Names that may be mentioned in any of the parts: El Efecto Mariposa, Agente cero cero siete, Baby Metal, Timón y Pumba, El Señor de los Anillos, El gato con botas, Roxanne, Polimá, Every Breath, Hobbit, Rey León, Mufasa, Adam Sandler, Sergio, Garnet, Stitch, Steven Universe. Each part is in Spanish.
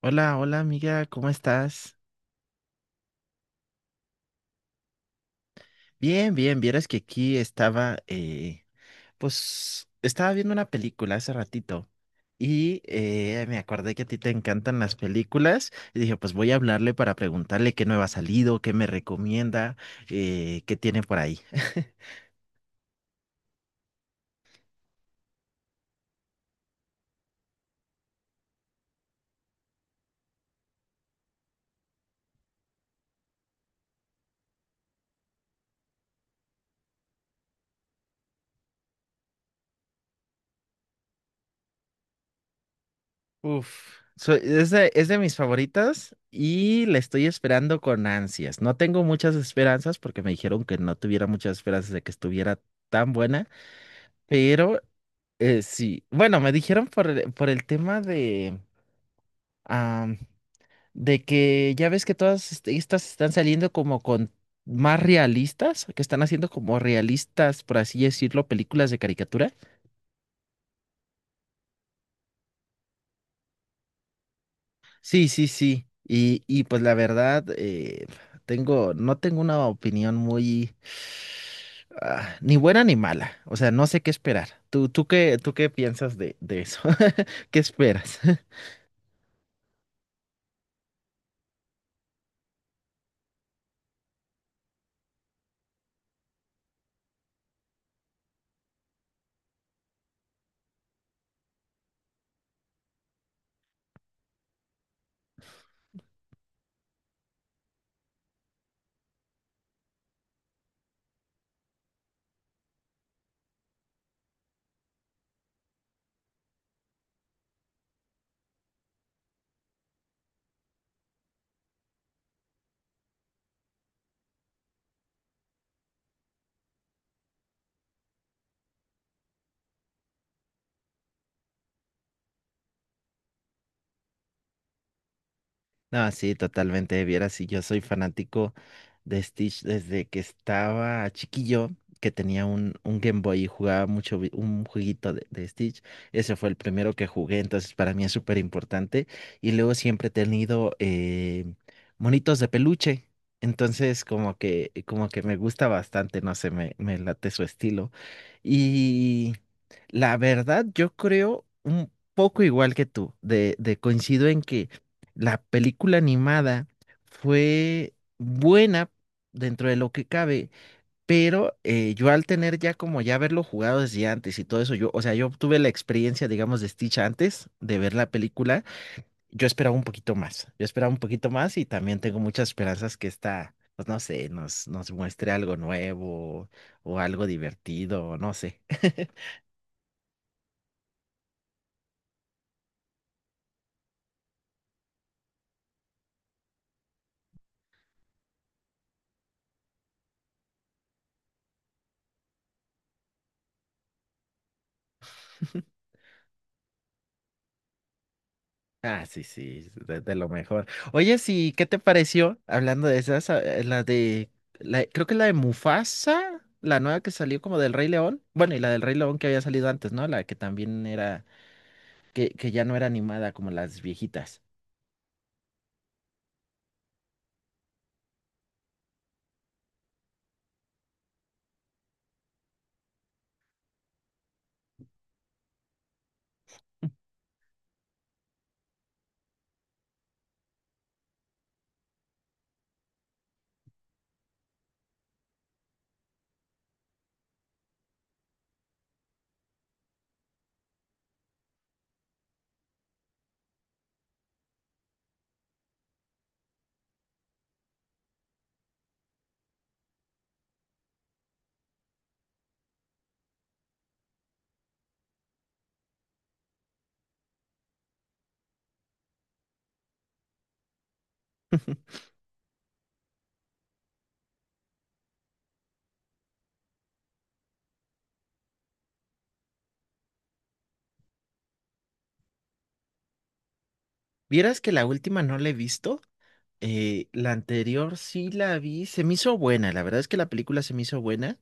Hola, hola amiga, ¿cómo estás? Bien, bien, vieras que aquí estaba, pues estaba viendo una película hace ratito y me acordé que a ti te encantan las películas y dije, pues voy a hablarle para preguntarle qué nueva ha salido, qué me recomienda, qué tiene por ahí. Uf, es de mis favoritas y la estoy esperando con ansias. No tengo muchas esperanzas porque me dijeron que no tuviera muchas esperanzas de que estuviera tan buena. Pero sí, bueno, me dijeron por por el tema de, am, de que ya ves que todas estas están saliendo como con más realistas, que están haciendo como realistas, por así decirlo, películas de caricatura. Sí, sí, sí. Y pues la verdad, tengo, no tengo una opinión muy, ni buena ni mala. O sea, no sé qué esperar. ¿Tú qué piensas de eso? ¿Qué esperas? No, sí, totalmente. Vieras, si yo soy fanático de Stitch desde que estaba chiquillo, que tenía un Game Boy y jugaba mucho un jueguito de Stitch. Ese fue el primero que jugué, entonces para mí es súper importante. Y luego siempre he tenido monitos de peluche. Entonces, como que me gusta bastante, no sé, me late su estilo. Y la verdad, yo creo un poco igual que tú, de coincido en que. La película animada fue buena dentro de lo que cabe, pero yo al tener ya como ya haberlo jugado desde antes y todo eso, yo, o sea, yo tuve la experiencia, digamos, de Stitch antes de ver la película, yo esperaba un poquito más, yo esperaba un poquito más y también tengo muchas esperanzas que esta, pues no sé, nos, nos muestre algo nuevo o algo divertido, no sé. Ah, sí, sí, de lo mejor. Oye, sí, ¿qué te pareció? Hablando de esas, la de, la, creo que la de Mufasa, la nueva que salió como del Rey León. Bueno, y la del Rey León que había salido antes, ¿no? La que también era, que ya no era animada como las viejitas. Vieras que la última no la he visto, la anterior sí la vi, se me hizo buena, la verdad es que la película se me hizo buena,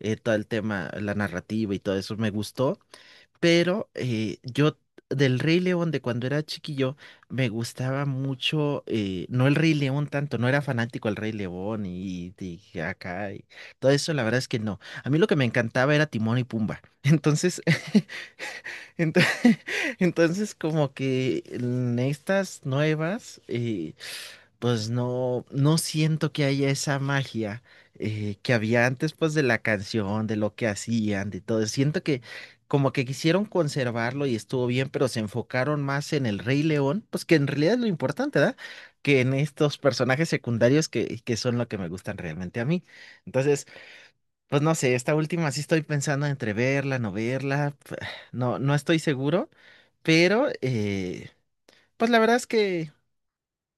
todo el tema, la narrativa y todo eso me gustó. Pero yo del Rey León de cuando era chiquillo me gustaba mucho, no el Rey León tanto, no era fanático del Rey León y acá y todo eso, la verdad es que no. A mí lo que me encantaba era Timón y Pumba. Entonces, ento- entonces, como que en estas nuevas, pues no, no siento que haya esa magia que había antes, pues de la canción, de lo que hacían, de todo. Siento que como que quisieron conservarlo y estuvo bien, pero se enfocaron más en el Rey León, pues que en realidad es lo importante, ¿verdad? Que en estos personajes secundarios que son lo que me gustan realmente a mí. Entonces, pues no sé, esta última sí estoy pensando entre verla, no verla, no, no estoy seguro, pero pues la verdad es que...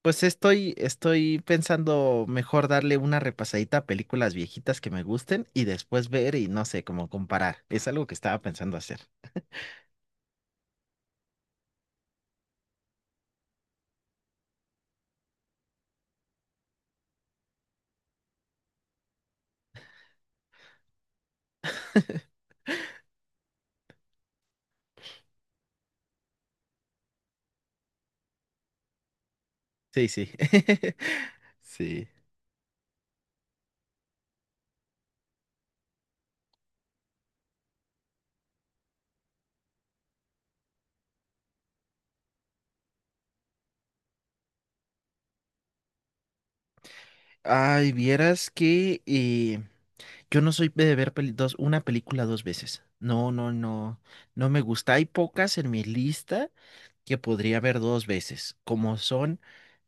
Pues estoy, estoy pensando mejor darle una repasadita a películas viejitas que me gusten y después ver y no sé, como comparar. Es algo que estaba pensando hacer. Sí, sí. Sí. Ay, vieras que yo no soy de ver dos, una película dos veces. No, no, no. No me gusta. Hay pocas en mi lista que podría ver dos veces, como son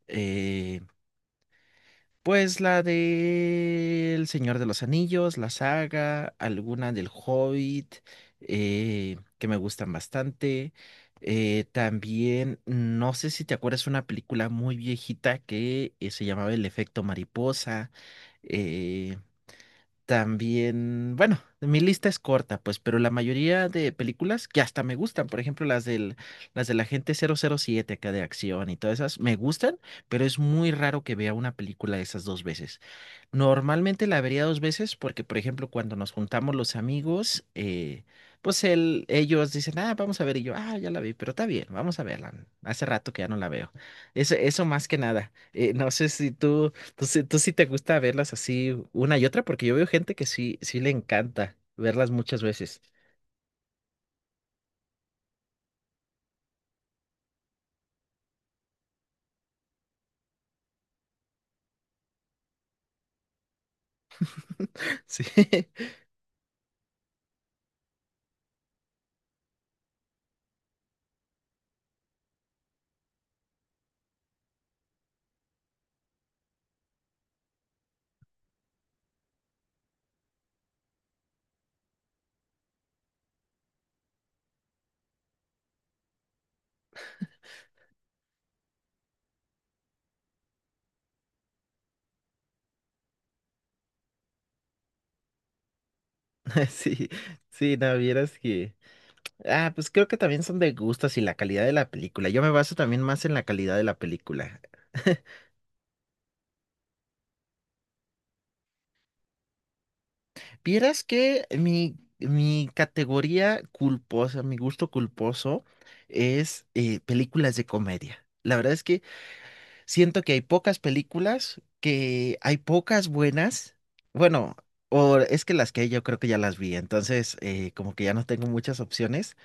eh, pues la de El Señor de los Anillos, la saga, alguna del Hobbit, que me gustan bastante. También, no sé si te acuerdas, una película muy viejita que se llamaba El Efecto Mariposa. eh, también, bueno, mi lista es corta, pues, pero la mayoría de películas que hasta me gustan, por ejemplo, las del Agente 007 acá de acción y todas esas, me gustan, pero es muy raro que vea una película de esas dos veces. Normalmente la vería dos veces porque, por ejemplo, cuando nos juntamos los amigos, pues él, ellos dicen, ah, vamos a ver, y yo, ah, ya la vi, pero está bien, vamos a verla. Hace rato que ya no la veo. Eso más que nada. No sé si tú sí te gusta verlas así una y otra, porque yo veo gente que sí, sí le encanta verlas muchas veces. Sí, sí, sí, no, vieras que... Ah, pues creo que también son de gustos y la calidad de la película. Yo me baso también más en la calidad de la película. Vieras que mi categoría culposa, mi gusto culposo es películas de comedia. La verdad es que siento que hay pocas películas, que hay pocas buenas. Bueno, o es que las que hay yo creo que ya las vi, entonces como que ya no tengo muchas opciones,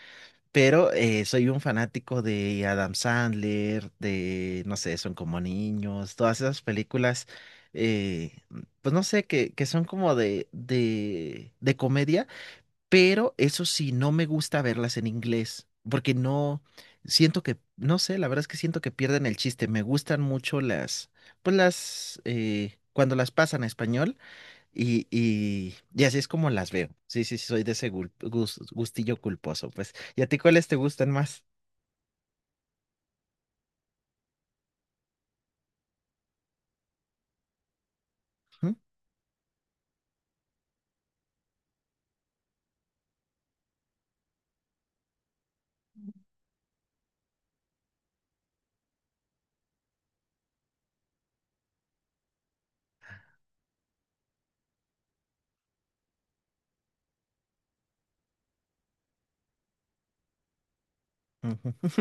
pero soy un fanático de Adam Sandler, de, no sé, Son como niños, todas esas películas, eh, pues no sé, que son como de comedia, pero eso sí, no me gusta verlas en inglés, porque no, siento que, no sé, la verdad es que siento que pierden el chiste. Me gustan mucho las, pues las, cuando las pasan a español y así es como las veo. Sí, sí, sí, soy de ese gustillo culposo. Pues, ¿y a ti cuáles te gustan más? ¿Mm? Ujú.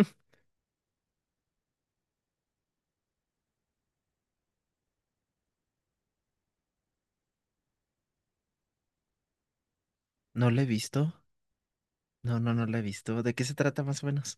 No lo he visto. No, no, no lo he visto. ¿De qué se trata más o menos?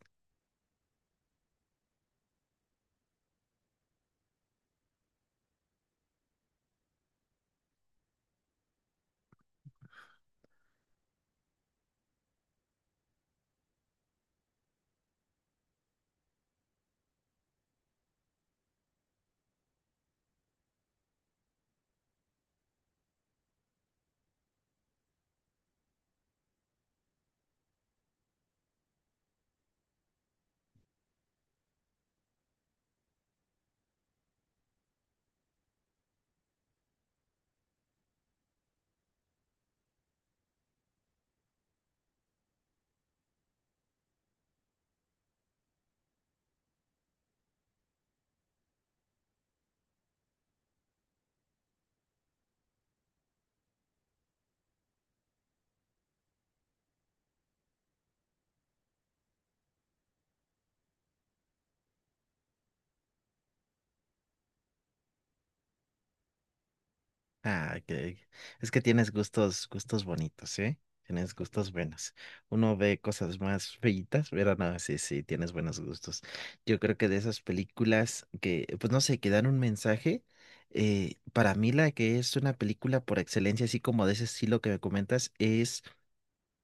Ah, que es que tienes gustos, gustos bonitos, ¿eh? Tienes gustos buenos. Uno ve cosas más feitas, pero no, sí, sí, tienes buenos gustos. Yo creo que de esas películas que, pues no sé, que dan un mensaje, para mí la que es una película por excelencia, así como de ese estilo que me comentas, es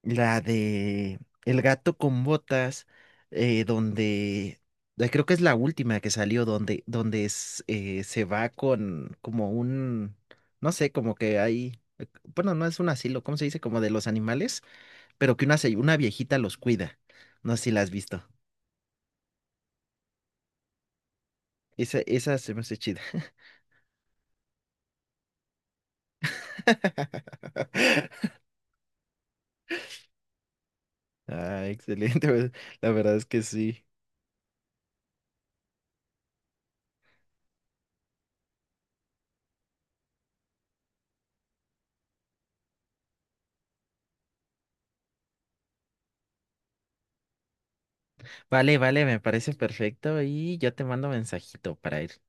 la de El gato con botas, donde creo que es la última que salió, donde, donde es, se va con como un, no sé, como que hay, bueno, no es un asilo, ¿cómo se dice? Como de los animales, pero que una, una viejita los cuida. No sé si la has visto. Esa se me hace chida. Ah, excelente, pues, la verdad es que sí. Vale, vale, me parece perfecto y yo te mando mensajito para ir.